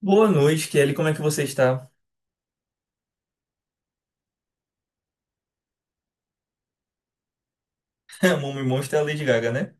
Boa noite, Kelly. Como é que você está? A Mummy Monster é a Lady Gaga, né?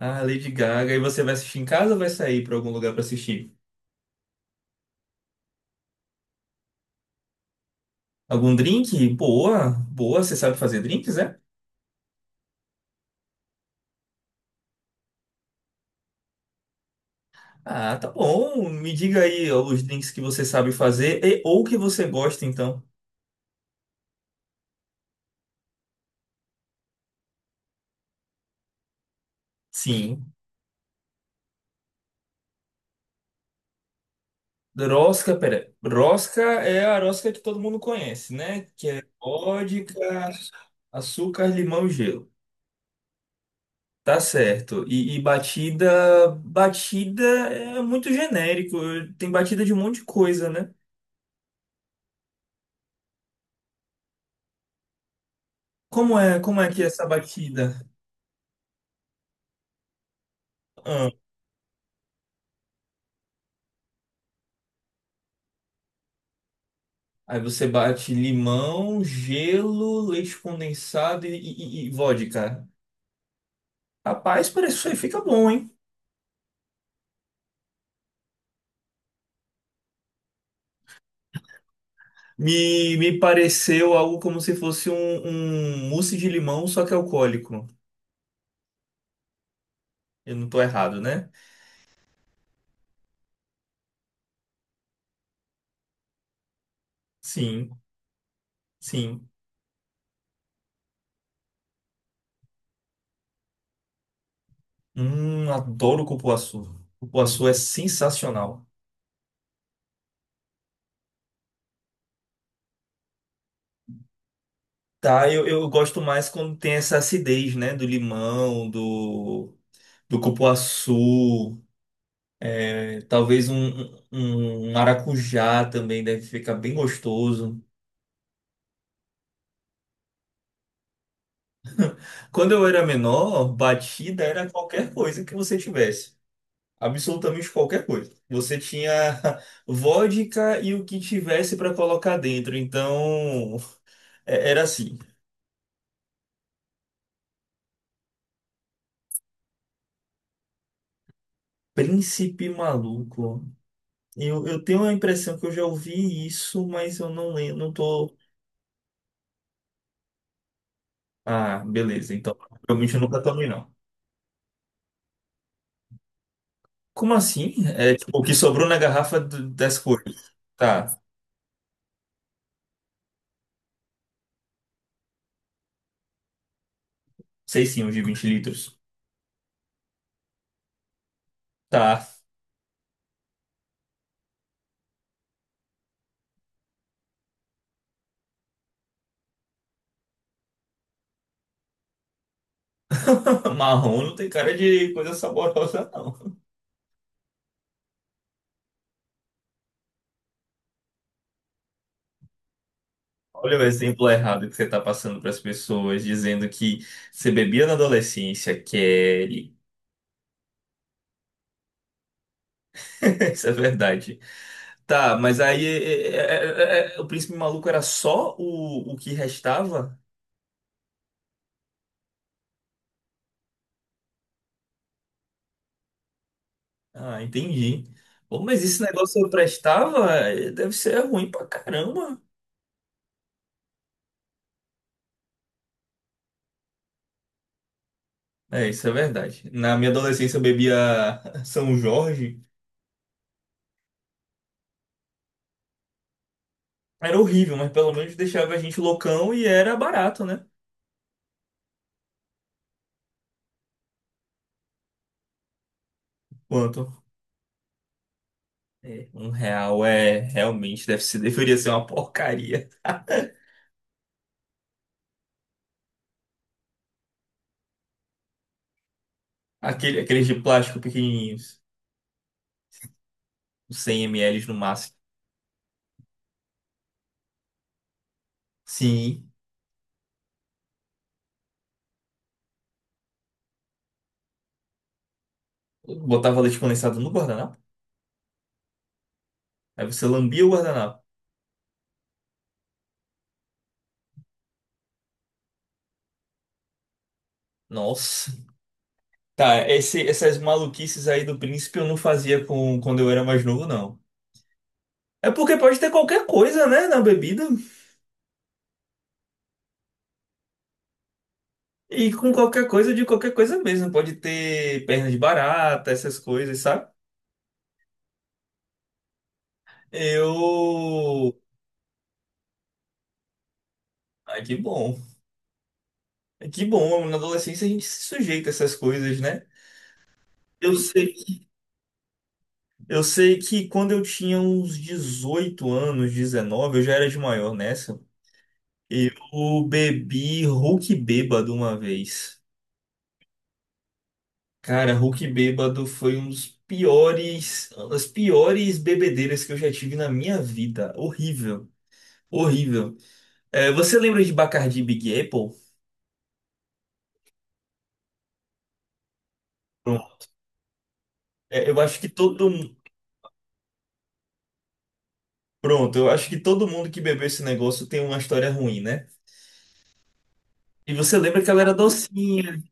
Ah, Lady Gaga. E você vai assistir em casa ou vai sair para algum lugar para assistir? Algum drink? Boa, boa. Você sabe fazer drinks, né? Ah, tá bom. Me diga aí ó, os drinks que você sabe fazer e, ou que você gosta, então. Sim. Rosca, pera. Rosca é a rosca que todo mundo conhece, né? Que é vodka, açúcar, limão e gelo. Tá certo. E batida, batida é muito genérico. Tem batida de um monte de coisa, né? Como que é essa batida? Ah, aí você bate limão, gelo, leite condensado e vodka. Rapaz, parece isso aí fica bom, hein? Me pareceu algo como se fosse um mousse de limão, só que alcoólico. Eu não tô errado, né? Sim, sim. Adoro cupuaçu. Cupuaçu é sensacional. Tá, eu gosto mais quando tem essa acidez, né? Do limão, do cupuaçu, é, talvez um maracujá também deve ficar bem gostoso. Quando eu era menor, batida era qualquer coisa que você tivesse. Absolutamente qualquer coisa. Você tinha vodka e o que tivesse para colocar dentro. Então, era assim. Príncipe maluco. Eu tenho a impressão que eu já ouvi isso, mas eu não lembro, não tô. Ah, beleza. Então, provavelmente eu nunca tomei, não. Como assim? É tipo o que sobrou na garrafa das cores. Tá, sei sim, os de 20 litros. Tá. Marrom não tem cara de coisa saborosa, não. Olha o exemplo errado que você tá passando para as pessoas, dizendo que você bebia na adolescência, Kelly. Isso é verdade. Tá, mas aí é o príncipe maluco era só o que restava? Ah, entendi. Bom, mas esse negócio eu prestava, deve ser ruim pra caramba. É, isso é verdade. Na minha adolescência eu bebia São Jorge. Era horrível, mas pelo menos deixava a gente loucão e era barato, né? Quanto? É, R$ 1 realmente deve ser, deveria ser uma porcaria. Aqueles de plástico pequenininhos, uns 100 ml no máximo. Sim, eu botava leite condensado no guardanapo. Aí você lambia o guardanapo. Nossa. Tá, essas maluquices aí do príncipe eu não fazia com, quando eu era mais novo, não. É porque pode ter qualquer coisa, né, na bebida. E com qualquer coisa, de qualquer coisa mesmo. Pode ter perna de barata, essas coisas, sabe? Eu. Ai, que bom. Que bom, na adolescência a gente se sujeita a essas coisas, né? Eu sei, eu sei que quando eu tinha uns 18 anos, 19, eu já era de maior nessa. Eu bebi Hulk bêbado uma vez. Cara, Hulk bêbado foi um dos piores, as piores bebedeiras que eu já tive na minha vida. Horrível, horrível. É, você lembra de Bacardi e Big Apple? Pronto. É, eu acho que todo, pronto, eu acho que todo mundo que bebeu esse negócio tem uma história ruim, né? E você lembra que ela era docinha?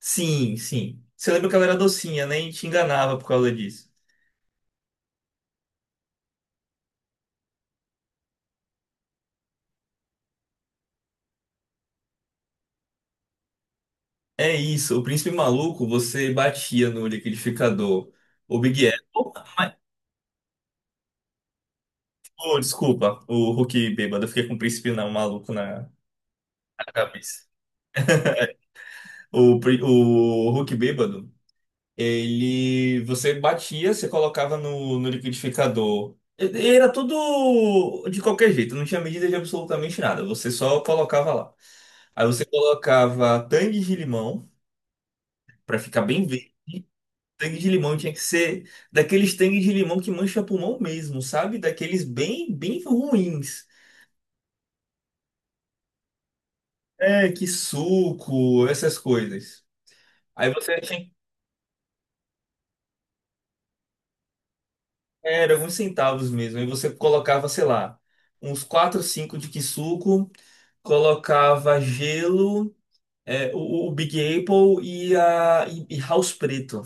Sim, sim. Você lembra que ela era docinha, né? E te enganava por causa disso. É isso, o príncipe maluco, você batia no liquidificador. O Big Apple. Oh, desculpa, o Hulk bêbado. Eu fiquei com o príncipe não, maluco na cabeça. O Hulk bêbado, ele. Você batia, você colocava no liquidificador. Era tudo de qualquer jeito, não tinha medida de absolutamente nada. Você só colocava lá. Aí você colocava tangue de limão, pra ficar bem verde. Tangue de limão tinha que ser daqueles tangue de limão que mancha pulmão mesmo, sabe? Daqueles bem, bem ruins. É, que suco, essas coisas. Aí você tinha, era uns centavos mesmo. Aí você colocava, sei lá, uns 4, 5 de Kisuko, colocava gelo, é, o Big Apple e House Preto,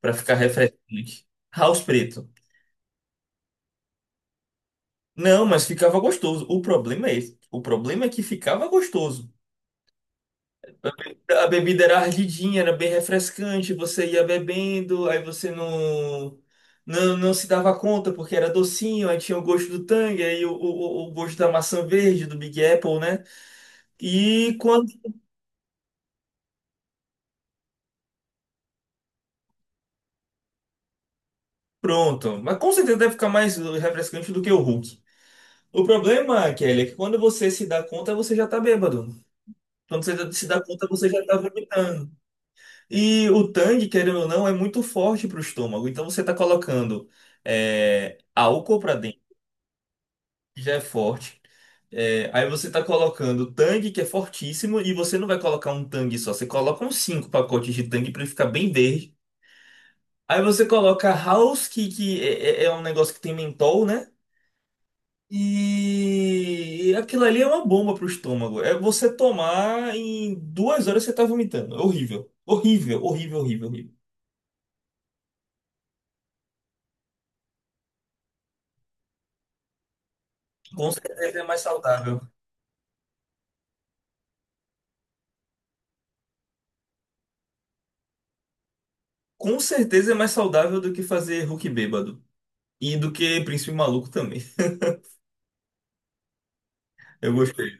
pra ficar refrescante. House Preto. Não, mas ficava gostoso. O problema é esse. O problema é que ficava gostoso. A bebida era ardidinha, era bem refrescante, você ia bebendo, aí você não, não, não se dava conta porque era docinho, aí tinha o gosto do Tang, aí o gosto da maçã verde, do Big Apple, né? E quando. Pronto. Mas com certeza deve ficar mais refrescante do que o Hulk. O problema, Kelly, é que quando você se dá conta, você já tá bêbado. Quando você se dá conta, você já tá vomitando. E o Tang, querendo ou não, é muito forte pro estômago. Então você tá colocando álcool pra dentro já é forte. É, aí você tá colocando tangue, que é fortíssimo, e você não vai colocar um tangue só, você coloca uns cinco pacotes de tangue pra ele ficar bem verde. Aí você coloca house, que é um negócio que tem mentol, né? E aquilo ali é uma bomba pro estômago. É você tomar em 2 horas você tá vomitando. É horrível. Horrível, horrível, horrível, horrível. Com certeza é mais saudável. Com certeza é mais saudável do que fazer Hulk bêbado. E do que Príncipe Maluco também. Eu gostei.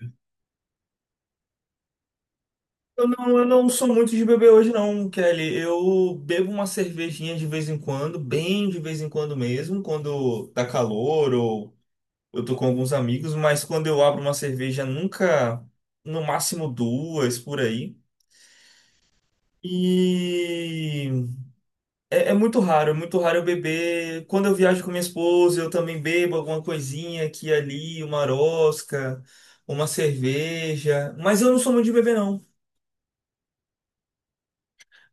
Eu não sou muito de beber hoje, não, Kelly. Eu bebo uma cervejinha de vez em quando, bem de vez em quando mesmo, quando tá calor ou eu tô com alguns amigos, mas quando eu abro uma cerveja, nunca, no máximo duas por aí. E é muito raro eu beber. Quando eu viajo com minha esposa, eu também bebo alguma coisinha aqui e ali, uma rosca, uma cerveja. Mas eu não sou muito de beber, não.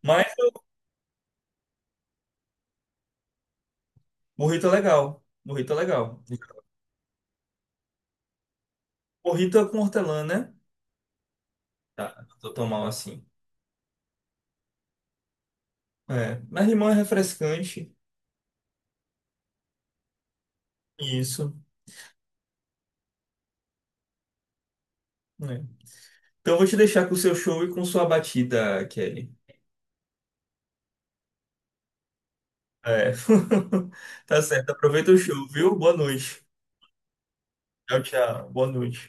Mas morrito é legal. Morrito é legal. Morrito é com hortelã, né? Tá, tô tão mal assim. É, mas limão é refrescante. Isso, né? Então eu vou te deixar com o seu show e com sua batida, Kelly. É. Tá certo. Aproveita o show, viu? Boa noite. Tchau, tchau. Boa noite.